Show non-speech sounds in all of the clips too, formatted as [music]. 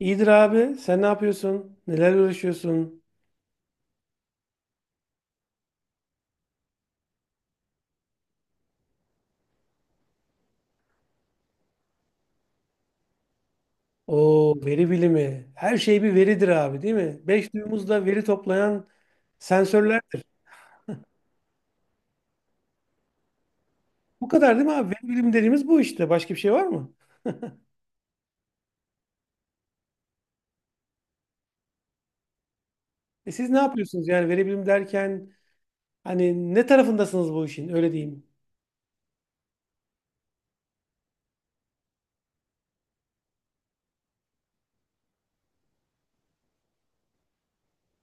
İyidir abi. Sen ne yapıyorsun? Neler uğraşıyorsun? O veri bilimi. Her şey bir veridir abi, değil mi? Beş duyumuzla veri toplayan sensörlerdir. Bu kadar değil mi abi? Veri bilimi dediğimiz bu işte. Başka bir şey var mı? E siz ne yapıyorsunuz? Yani veri bilimi derken hani ne tarafındasınız bu işin? Öyle diyeyim.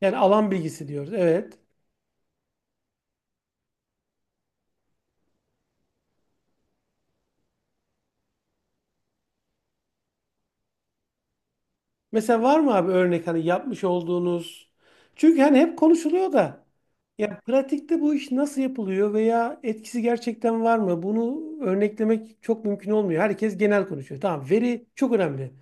Yani alan bilgisi diyoruz. Evet. Mesela var mı abi örnek hani yapmış olduğunuz? Çünkü hani hep konuşuluyor da ya pratikte bu iş nasıl yapılıyor veya etkisi gerçekten var mı? Bunu örneklemek çok mümkün olmuyor. Herkes genel konuşuyor. Tamam, veri çok önemli.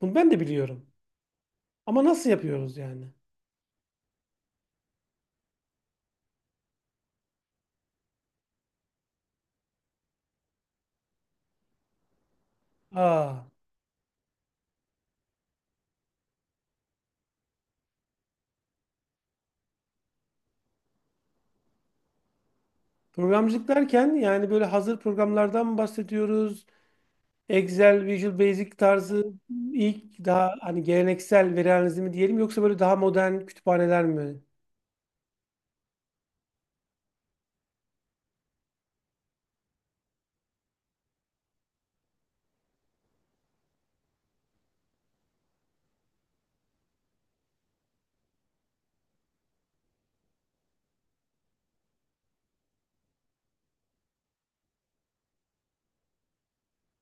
Bunu ben de biliyorum. Ama nasıl yapıyoruz yani? Aa, programcılık derken yani böyle hazır programlardan mı bahsediyoruz? Excel, Visual Basic tarzı ilk daha hani geleneksel veri analizi mi diyelim yoksa böyle daha modern kütüphaneler mi?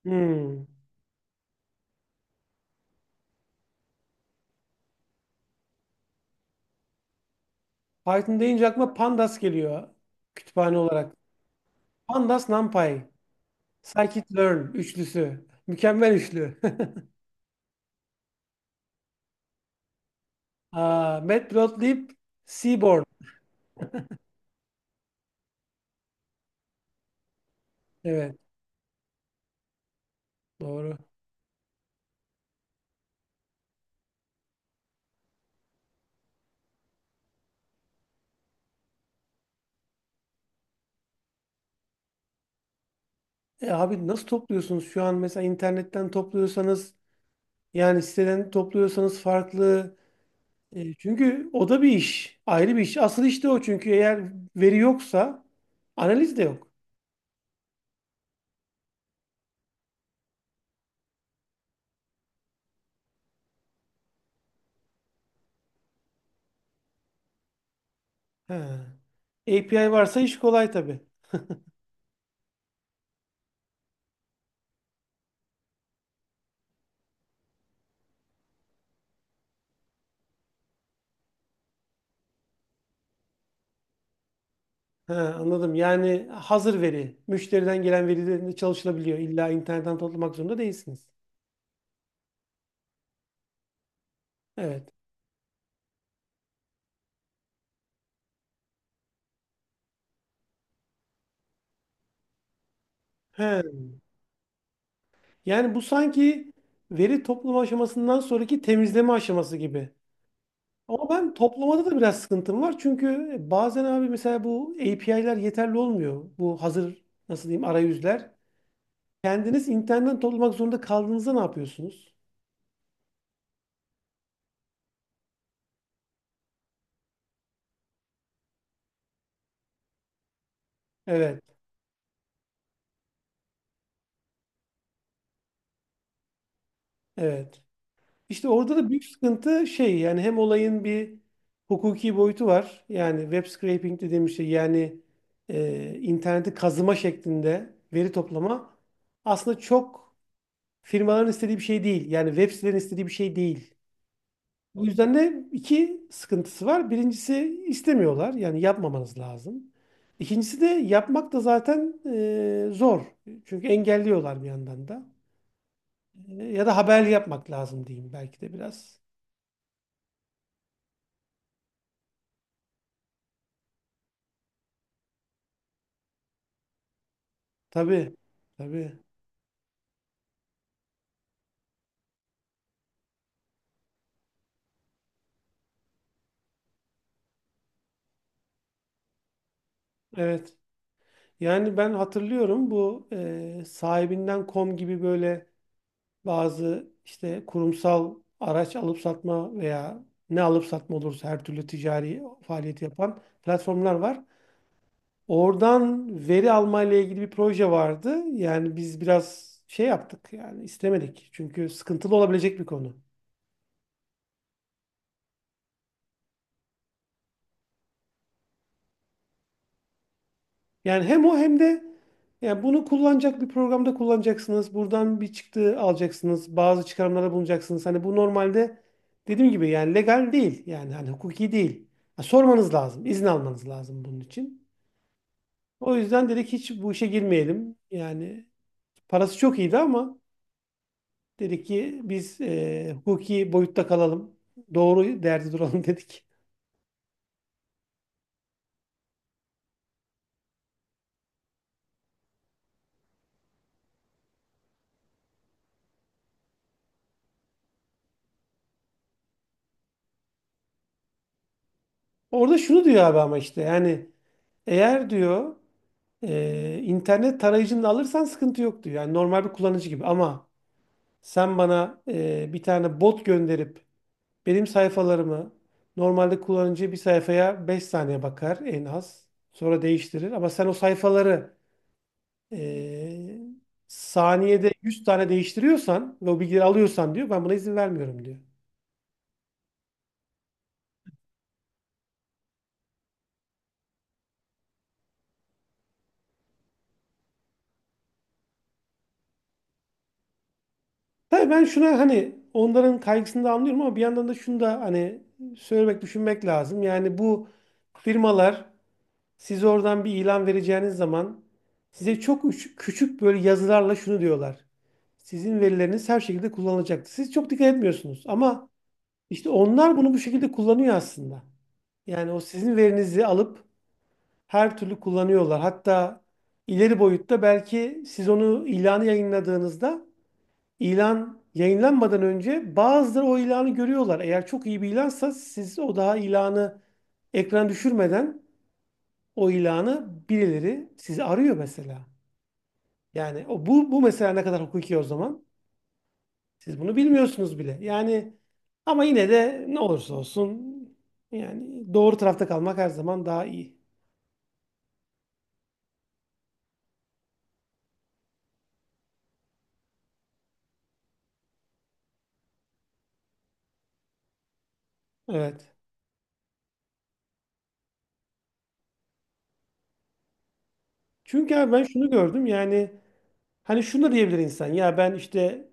Hmm. Python deyince aklıma Pandas geliyor kütüphane olarak. Pandas, NumPy, scikit-learn üçlüsü. Mükemmel üçlü. [laughs] Aa, Matplotlib, Seaborn. Evet, doğru. E abi nasıl topluyorsunuz şu an? Mesela internetten topluyorsanız yani siteden topluyorsanız farklı. Çünkü o da bir iş. Ayrı bir iş. Asıl iş de o çünkü eğer veri yoksa analiz de yok. He. API varsa iş kolay tabii. He, anladım. Yani hazır veri, müşteriden gelen verilerinde çalışılabiliyor. İlla internetten toplamak zorunda değilsiniz. Evet. He. Yani bu sanki veri toplama aşamasından sonraki temizleme aşaması gibi. Ama ben toplamada da biraz sıkıntım var. Çünkü bazen abi mesela bu API'ler yeterli olmuyor. Bu hazır nasıl diyeyim, arayüzler. Kendiniz internetten toplamak zorunda kaldığınızda ne yapıyorsunuz? Evet. Evet. İşte orada da büyük sıkıntı şey, yani hem olayın bir hukuki boyutu var. Yani web scraping dediğimiz şey yani interneti kazıma şeklinde veri toplama aslında çok firmaların istediği bir şey değil. Yani web sitelerin istediği bir şey değil. Bu yüzden de iki sıkıntısı var. Birincisi istemiyorlar, yani yapmamanız lazım. İkincisi de yapmak da zaten zor. Çünkü engelliyorlar bir yandan da. E, ya da haber yapmak lazım diyeyim belki de biraz. Tabii, tabii. Evet. Yani ben hatırlıyorum bu sahibinden.com gibi böyle bazı işte kurumsal araç alıp satma veya ne alıp satma olursa, her türlü ticari faaliyeti yapan platformlar var. Oradan veri alma ile ilgili bir proje vardı. Yani biz biraz şey yaptık, yani istemedik. Çünkü sıkıntılı olabilecek bir konu. Yani hem o hem de yani bunu kullanacak bir programda kullanacaksınız. Buradan bir çıktı alacaksınız. Bazı çıkarımlara bulunacaksınız. Hani bu normalde dediğim gibi yani legal değil. Yani hani hukuki değil. Ha, sormanız lazım. İzin almanız lazım bunun için. O yüzden dedik hiç bu işe girmeyelim. Yani parası çok iyiydi ama dedik ki biz hukuki boyutta kalalım. Doğru derdi duralım [laughs] dedik. Orada şunu diyor abi ama işte yani eğer diyor, internet tarayıcını alırsan sıkıntı yoktu. Yani normal bir kullanıcı gibi, ama sen bana bir tane bot gönderip benim sayfalarımı, normalde kullanıcı bir sayfaya 5 saniye bakar en az. Sonra değiştirir. Ama sen o sayfaları e, saniyede 100 tane değiştiriyorsan ve o bilgileri alıyorsan diyor, ben buna izin vermiyorum diyor. Tabii ben şuna, hani onların kaygısını da anlıyorum ama bir yandan da şunu da hani söylemek, düşünmek lazım. Yani bu firmalar, siz oradan bir ilan vereceğiniz zaman size çok küçük böyle yazılarla şunu diyorlar: sizin verileriniz her şekilde kullanılacaktır. Siz çok dikkat etmiyorsunuz ama işte onlar bunu bu şekilde kullanıyor aslında. Yani o sizin verinizi alıp her türlü kullanıyorlar. Hatta ileri boyutta belki siz onu ilanı yayınladığınızda, ilan yayınlanmadan önce bazıları o ilanı görüyorlar. Eğer çok iyi bir ilansa siz o daha ilanı ekran düşürmeden o ilanı birileri, sizi arıyor mesela. Yani o, bu bu mesela ne kadar hukuki o zaman? Siz bunu bilmiyorsunuz bile. Yani ama yine de ne olursa olsun, yani doğru tarafta kalmak her zaman daha iyi. Evet. Çünkü abi ben şunu gördüm yani, hani şunu da diyebilir insan, ya ben işte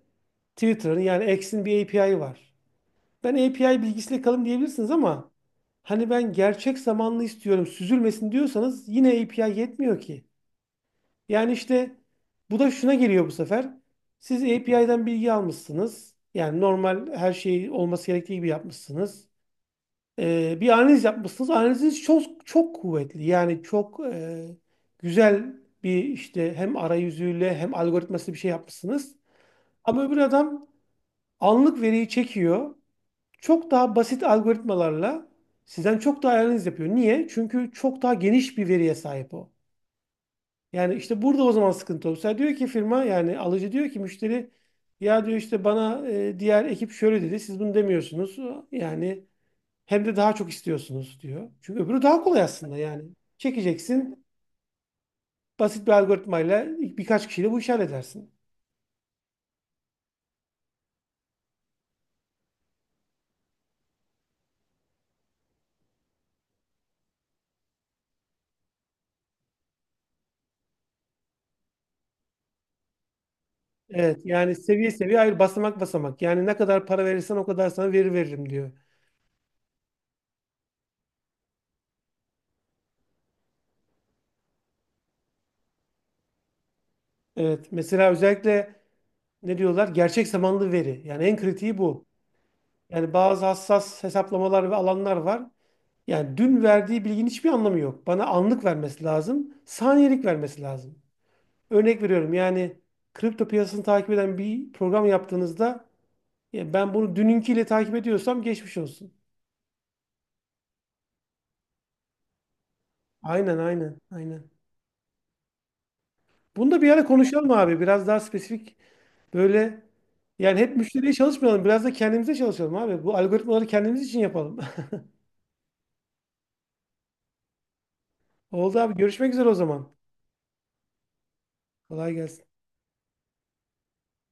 Twitter'ın yani X'in bir API'ı var. Ben API bilgisiyle kalın diyebilirsiniz ama hani ben gerçek zamanlı istiyorum, süzülmesin diyorsanız yine API yetmiyor ki. Yani işte bu da şuna geliyor bu sefer: siz API'den bilgi almışsınız. Yani normal her şey olması gerektiği gibi yapmışsınız. Bir analiz yapmışsınız. Analiziniz çok çok kuvvetli. Yani çok güzel bir işte, hem arayüzüyle hem algoritmasıyla bir şey yapmışsınız. Ama öbür adam anlık veriyi çekiyor. Çok daha basit algoritmalarla sizden çok daha analiz yapıyor. Niye? Çünkü çok daha geniş bir veriye sahip o. Yani işte burada o zaman sıkıntı olur. Mesela diyor ki firma, yani alıcı diyor ki müşteri, ya diyor işte bana diğer ekip şöyle dedi, siz bunu demiyorsunuz. Yani hem de daha çok istiyorsunuz diyor. Çünkü öbürü daha kolay aslında yani. Çekeceksin, basit bir algoritmayla birkaç kişiyle bu işi halledersin. Evet, yani seviye seviye, hayır basamak basamak. Yani ne kadar para verirsen o kadar sana veri veririm diyor. Evet, mesela özellikle ne diyorlar, gerçek zamanlı veri. Yani en kritiği bu. Yani bazı hassas hesaplamalar ve alanlar var. Yani dün verdiği bilginin hiçbir anlamı yok. Bana anlık vermesi lazım, saniyelik vermesi lazım. Örnek veriyorum, yani kripto piyasasını takip eden bir program yaptığınızda, ya ben bunu dününkiyle takip ediyorsam geçmiş olsun. Aynen, aynen, aynen. Bunu da bir ara konuşalım abi. Biraz daha spesifik böyle, yani hep müşteriye çalışmayalım. Biraz da kendimize çalışalım abi. Bu algoritmaları kendimiz için yapalım. [laughs] Oldu abi. Görüşmek üzere o zaman. Kolay gelsin.